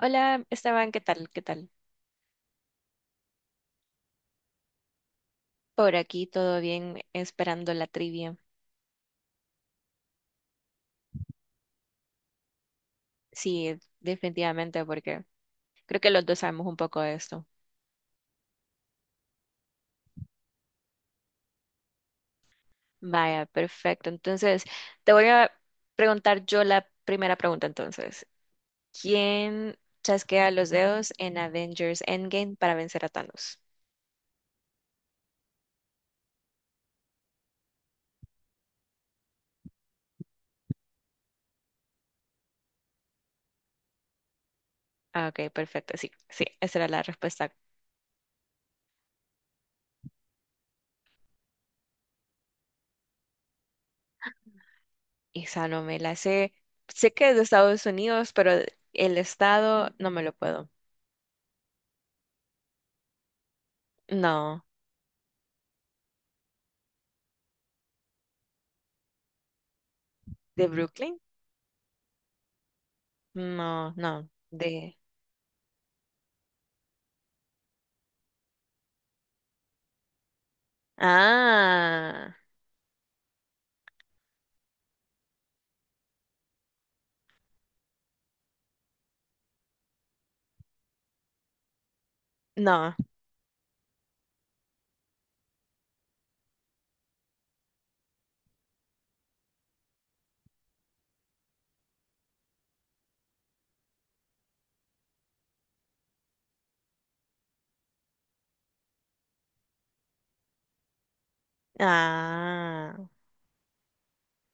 Hola, Esteban, ¿qué tal? ¿Qué tal? Por aquí todo bien, esperando la trivia. Sí, definitivamente, porque creo que los dos sabemos un poco de esto. Vaya, perfecto. Entonces, te voy a preguntar yo la primera pregunta entonces. ¿Quién chasquea los dedos en Avengers Endgame para vencer a Thanos? Ah, ok, perfecto. Sí, sí, esa era la respuesta. Esa no me la sé. Sé que es de Estados Unidos, pero el estado no me lo puedo. No, ¿de Brooklyn? No, no, de... Ah, no. Ah,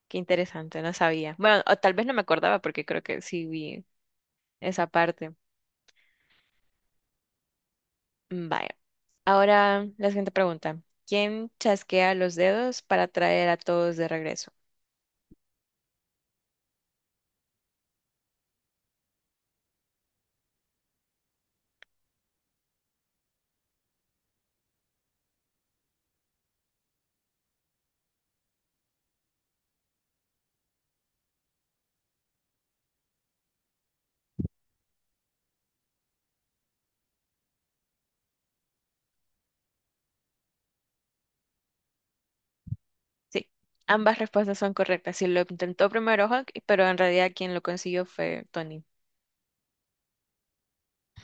qué interesante, no sabía. Bueno, o tal vez no me acordaba porque creo que sí vi esa parte. Mm, vaya. Ahora la siguiente pregunta. ¿Quién chasquea los dedos para traer a todos de regreso? Sí, ambas respuestas son correctas. Sí, lo intentó primero Hulk, pero en realidad quien lo consiguió fue Tony.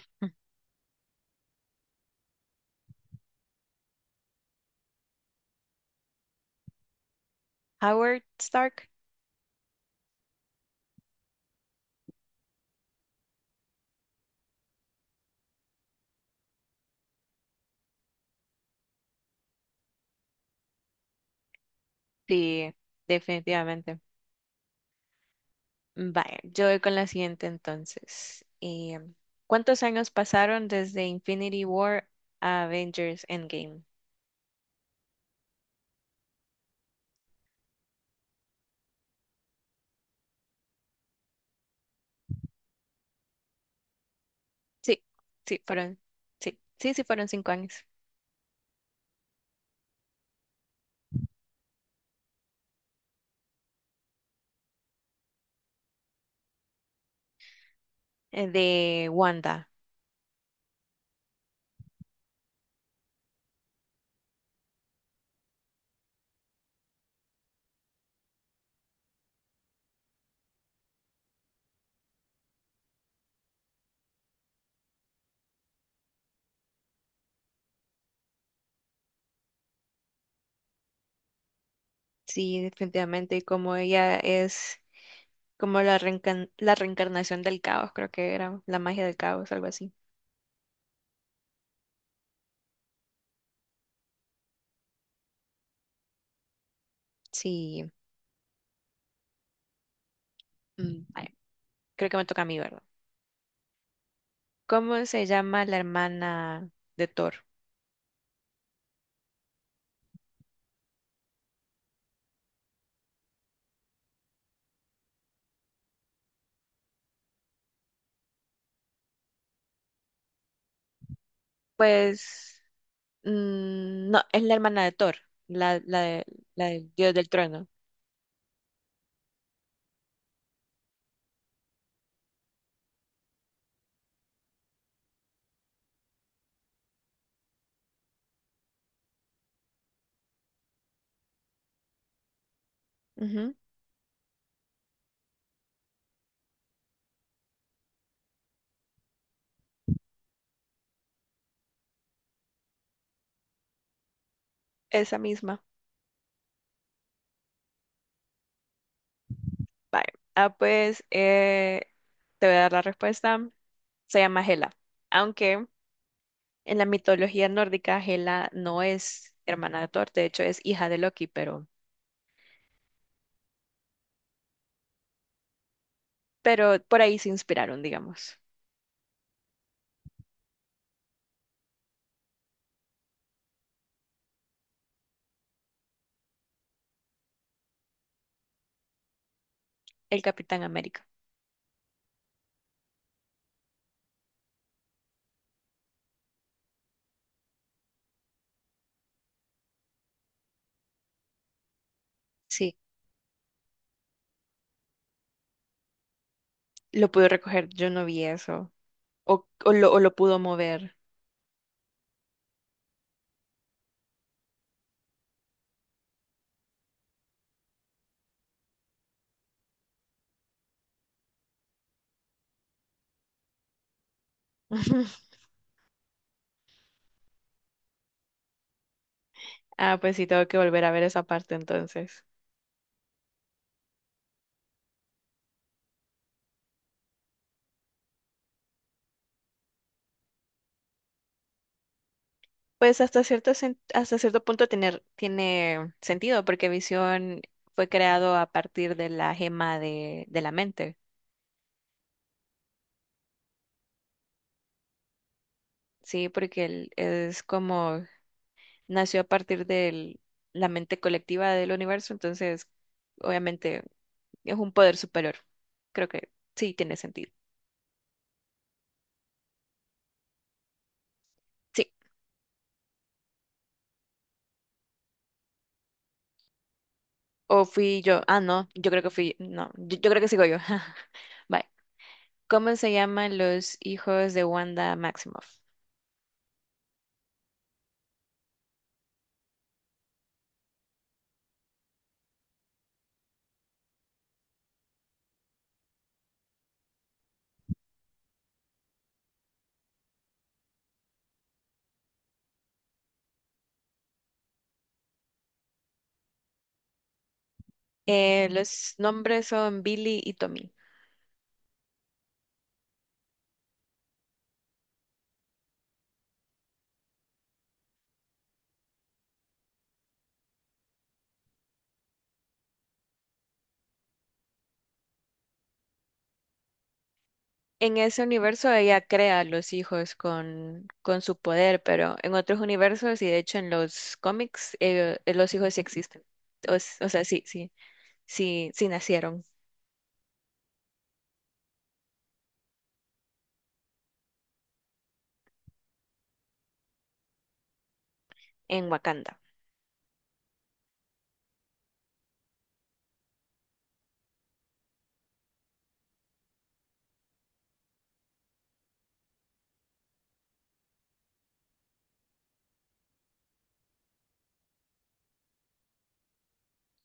Howard Stark. Sí, definitivamente. Vale, yo voy con la siguiente entonces. ¿Cuántos años pasaron desde Infinity War a Avengers Endgame? Sí, sí, fueron, sí, fueron 5 años. De Wanda. Sí, definitivamente. Y como ella es como la la reencarnación del caos, creo que era la magia del caos, algo así. Sí, mm, vale, creo que me toca a mí, ¿verdad? ¿Cómo se llama la hermana de Thor? Pues. Mm, no, es la hermana de Thor, la, la, de- la del dios del trueno. Ujú. Esa misma. Vale. Ah, pues te voy a dar la respuesta. Se llama Hela. Aunque en la mitología nórdica, Hela no es hermana de Thor, de hecho es hija de Loki, pero por ahí se inspiraron, digamos, el Capitán América. Sí. Lo pudo recoger, yo no vi eso. O lo pudo mover. Ah, pues sí, tengo que volver a ver esa parte entonces. Pues hasta cierto, hasta cierto punto tiene sentido, porque Visión fue creado a partir de la gema de la mente, ¿sí? Porque él es como nació a partir de la mente colectiva del universo, entonces obviamente es un poder superior. Creo que sí tiene sentido. Sí, o fui yo. Ah, no, yo creo que fui, no, yo creo que sigo yo. Bye. ¿Cómo se llaman los hijos de Wanda Maximoff? Los nombres son Billy y Tommy. En ese universo ella crea a los hijos con su poder, pero en otros universos y de hecho en los cómics los hijos sí existen. O sea, sí nacieron en Wakanda.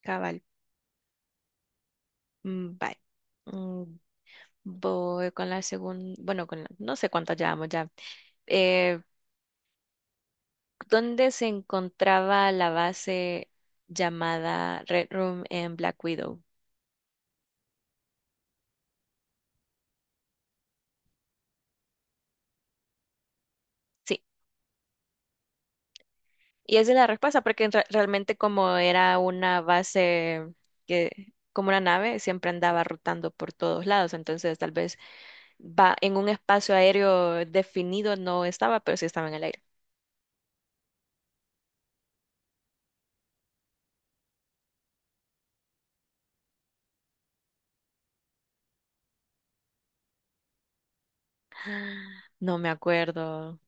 Cabal. Mm, bye. Mm, voy con la segunda, bueno, no sé cuántas llevamos ya. Eh, ¿Dónde se encontraba la base llamada Red Room en Black Widow? Sí. Y esa es la respuesta, porque realmente como era una base como una nave, siempre andaba rotando por todos lados. Entonces, tal vez va en un espacio aéreo definido no estaba, pero sí estaba en el aire. No me acuerdo.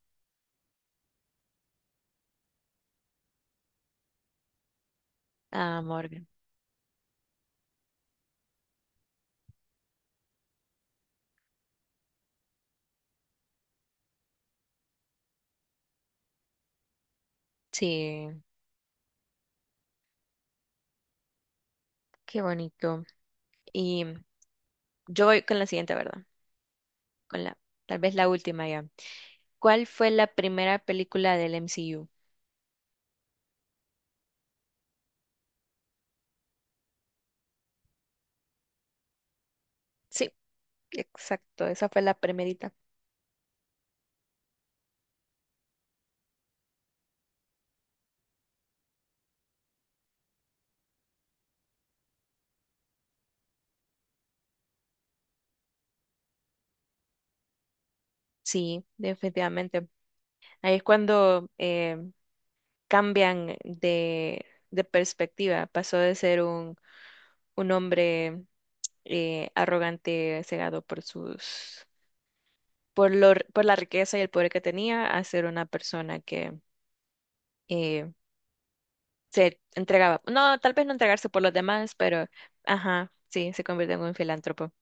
Ah, Morgan. Sí, qué bonito. Y yo voy con la siguiente, ¿verdad? Con la, tal vez la última ya. ¿Cuál fue la primera película del MCU? Sí, exacto, esa fue la primerita. Sí, definitivamente. Ahí es cuando cambian de perspectiva. Pasó de ser un hombre arrogante, cegado por sus, por la riqueza y el poder que tenía, a ser una persona que eh, se entregaba. No, tal vez no entregarse por los demás, pero ajá, sí, se convirtió en un filántropo.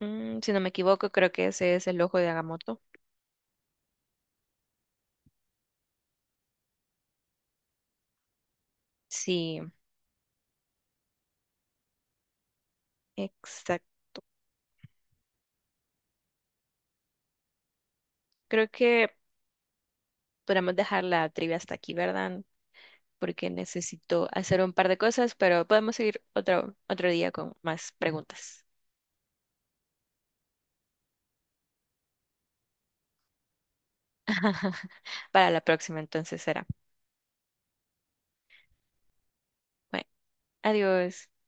Mm, si no me equivoco, creo que ese es el ojo de Agamotto. Sí, exacto. Creo que podemos dejar la trivia hasta aquí, ¿verdad? Porque necesito hacer un par de cosas, pero podemos seguir otro, otro día con más preguntas. Para la próxima, entonces será. Bueno, adiós.